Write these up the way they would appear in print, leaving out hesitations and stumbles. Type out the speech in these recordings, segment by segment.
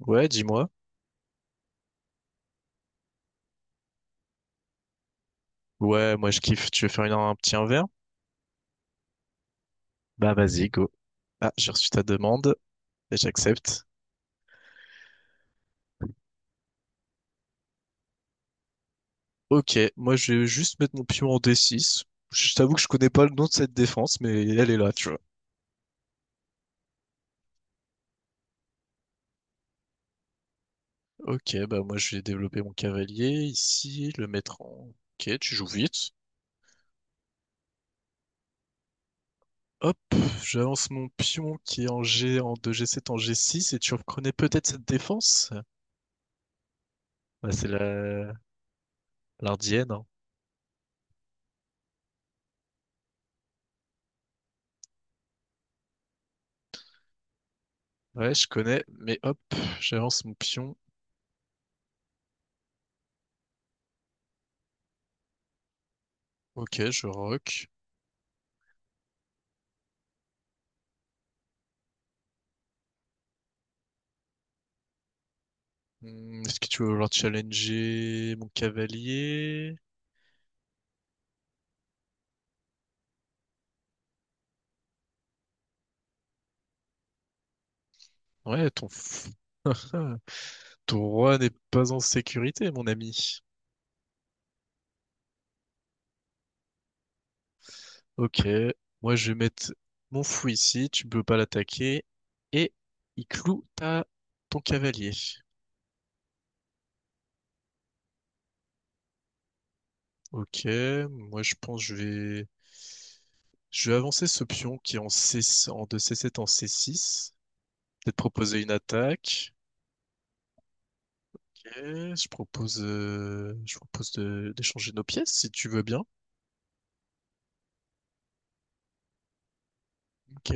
Ouais, dis-moi. Ouais, moi je kiffe. Tu veux faire un petit un verre? Bah vas-y, go. Ah, j'ai reçu ta demande et j'accepte. Ok, moi je vais juste mettre mon pion en d six. Je t'avoue que je connais pas le nom de cette défense, mais elle est là, tu vois. Ok, bah moi je vais développer mon cavalier ici, le mettre en... Ok, tu joues vite. Hop, j'avance mon pion qui est en G, en deux g sept en g six et tu reconnais peut-être cette défense? Bah c'est la... l'ardienne, hein. Ouais, je connais, mais hop, j'avance mon pion. Ok, je rock. Hmm, est-ce que tu veux vouloir challenger mon cavalier? Ouais, ton, f- Ton roi n'est pas en sécurité, mon ami. Ok, moi je vais mettre mon fou ici, tu peux pas l'attaquer. Et il cloue ta... ton cavalier. Ok, moi je pense que je vais... Je vais avancer ce pion qui est en, C... en de c sept en c six. Peut-être proposer une attaque. Ok, je propose d'échanger nos pièces si tu veux bien. Ok.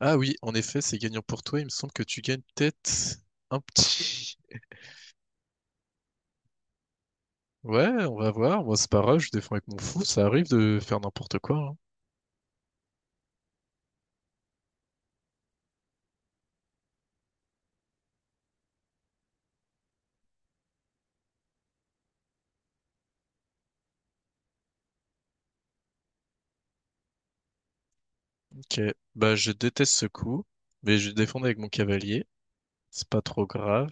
Ah oui, en effet, c'est gagnant pour toi. Il me semble que tu gagnes peut-être un petit. Ouais, on va voir. Moi, c'est pas grave, je défends avec mon fou. Ça arrive de faire n'importe quoi, hein. Ok. Bah, je déteste ce coup, mais je défends avec mon cavalier. C'est pas trop grave.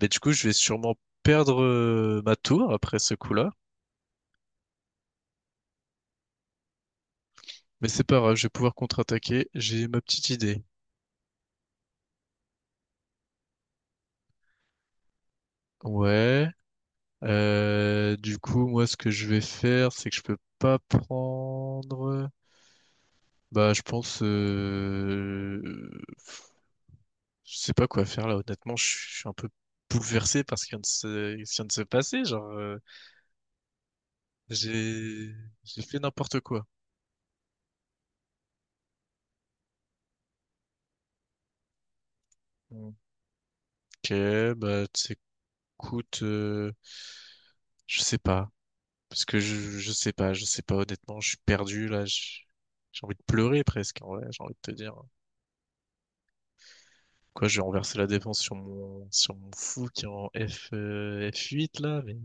Mais du coup, je vais sûrement perdre ma tour après ce coup-là. Mais c'est pas grave, je vais pouvoir contre-attaquer. J'ai ma petite idée. Ouais. Du coup, moi, ce que je vais faire, c'est que je peux pas prendre. Bah, je pense, pff, je sais pas quoi faire là. Honnêtement, je suis un peu bouleversé par ce qui vient de se passer. Genre, j'ai, j'ai fait n'importe quoi. Ok, bah, t'écoutes, Je sais pas, parce que je sais pas, je sais pas. Honnêtement, je suis perdu là. J'ai envie de pleurer presque. En vrai, j'ai envie de te dire. Quoi, je vais renverser la défense sur mon fou qui est en F, F8 là. Mais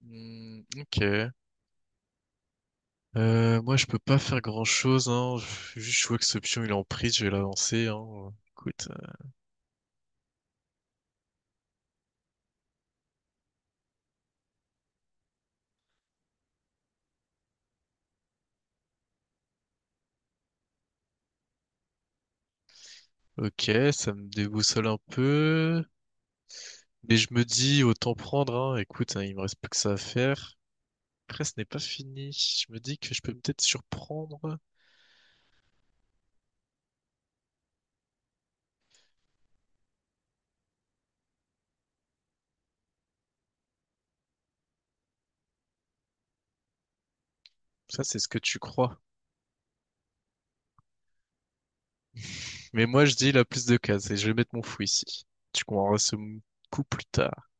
hmm, ok. Moi, je peux pas faire grand-chose, hein. Juste, je vois que ce pion, il est en prise, je vais l'avancer, hein. Écoute, ok, ça me déboussole un peu, mais je me dis, autant prendre, hein. Écoute, hein, il me reste plus que ça à faire. Après, ce n'est pas fini. Je me dis que je peux peut-être surprendre. Ça, c'est ce que tu crois. Mais moi, je dis la plus de cases et je vais mettre mon fou ici. Tu comprendras coup plus tard.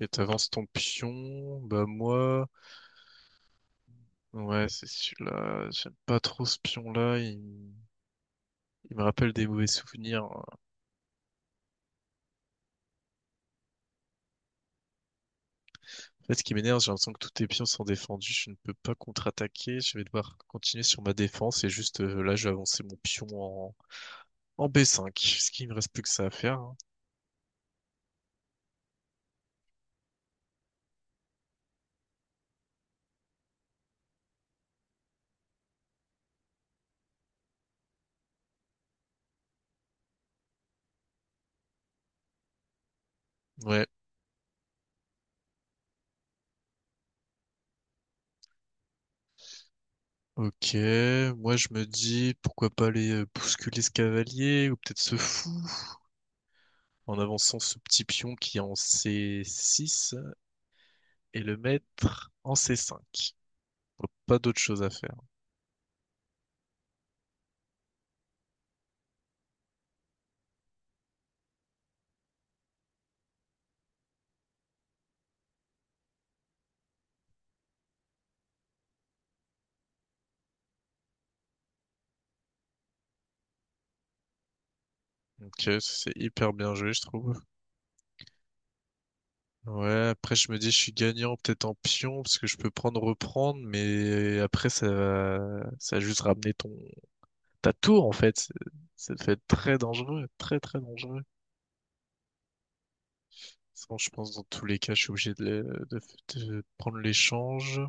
Ok, t'avances ton pion. Bah moi, ouais, c'est celui-là. J'aime pas trop ce pion-là. Il me rappelle des mauvais souvenirs. Là, ce qui m'énerve, j'ai l'impression que tous tes pions sont défendus, je ne peux pas contre-attaquer, je vais devoir continuer sur ma défense et juste là, je vais avancer mon pion en B5, ce qui me reste plus que ça à faire, hein. Ouais, ok, moi je me dis pourquoi pas aller bousculer ce cavalier ou peut-être ce fou en avançant ce petit pion qui est en C6 et le mettre en C5. Faut pas d'autre chose à faire. Ok, c'est hyper bien joué, je trouve. Ouais, après je me dis je suis gagnant peut-être en pion parce que je peux prendre reprendre, mais après ça va juste ramener ton ta tour en fait. Ça peut être très dangereux, très très dangereux. Sinon, je pense dans tous les cas, je suis obligé de prendre l'échange.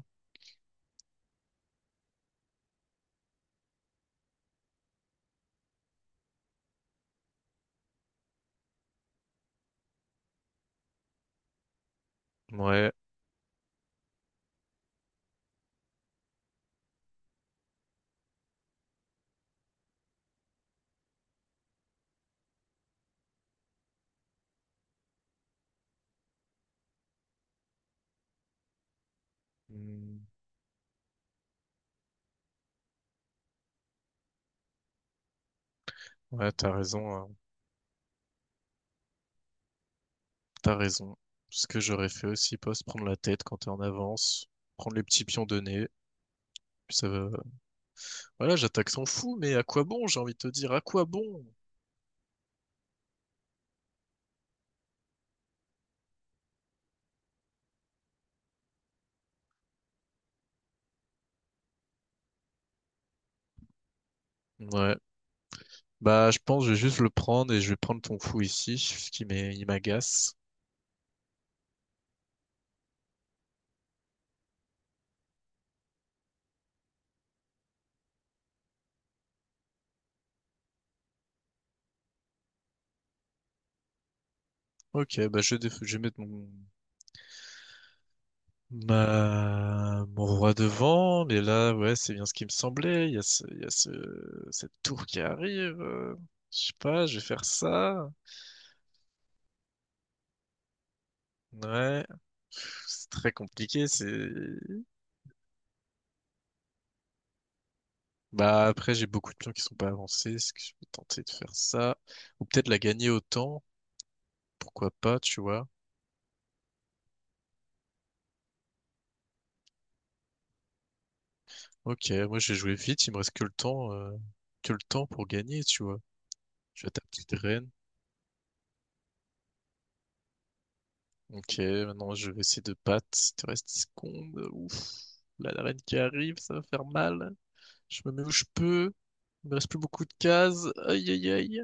Ouais, hmm. Ouais, t'as raison, hein. T'as raison. Ce que j'aurais fait aussi, pas se prendre la tête quand t'es en avance, prendre les petits pions donnés. Puis ça va. Voilà, j'attaque sans fou, mais à quoi bon? J'ai envie de te dire, à quoi bon? Ouais. Bah, je pense, que je vais juste le prendre et je vais prendre ton fou ici, il m'agace. Ok, bah je vais, je vais mettre mon mon roi devant, mais là, ouais, c'est bien ce qui me semblait. Il y a ce, cette tour qui arrive. Je sais pas, je vais faire ça. Ouais. Pff, c'est très compliqué. C'est. Bah après, j'ai beaucoup de pions qui sont pas avancés. Est-ce que je peux tenter de faire ça? Ou peut-être la gagner au temps. Pourquoi pas, tu vois? Ok, moi j'ai joué vite. Il me reste que le temps pour gagner, tu vois. Je vais à ta petite reine. Ok, maintenant je vais essayer de battre. Il te reste 10 secondes. Ouf. Là, la reine qui arrive, ça va faire mal. Je me mets où je peux. Il me reste plus beaucoup de cases. Aïe aïe aïe.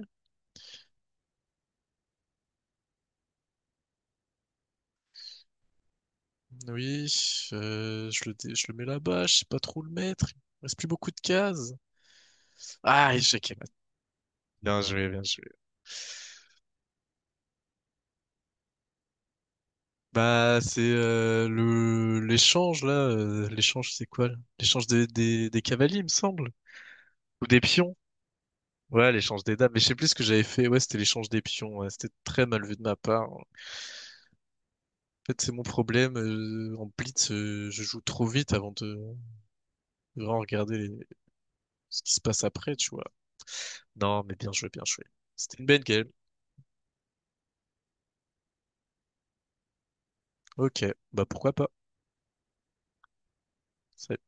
Oui, je je le mets là-bas. Je sais pas trop où le mettre. Il me reste plus beaucoup de cases. Ah, échec et mat. Bien joué, bien joué. Bah, c'est le l'échange là. Euh, l'échange, c'est quoi là? L'échange des cavaliers, il me semble. Ou des pions. Ouais, l'échange des dames. Mais je sais plus ce que j'avais fait. Ouais, c'était l'échange des pions, ouais. C'était très mal vu de ma part. En fait, c'est mon problème. En blitz, je joue trop vite avant de vraiment regarder ce qui se passe après, tu vois. Non, mais bien joué, bien joué. C'était une belle game. Ok, bah pourquoi pas. Salut.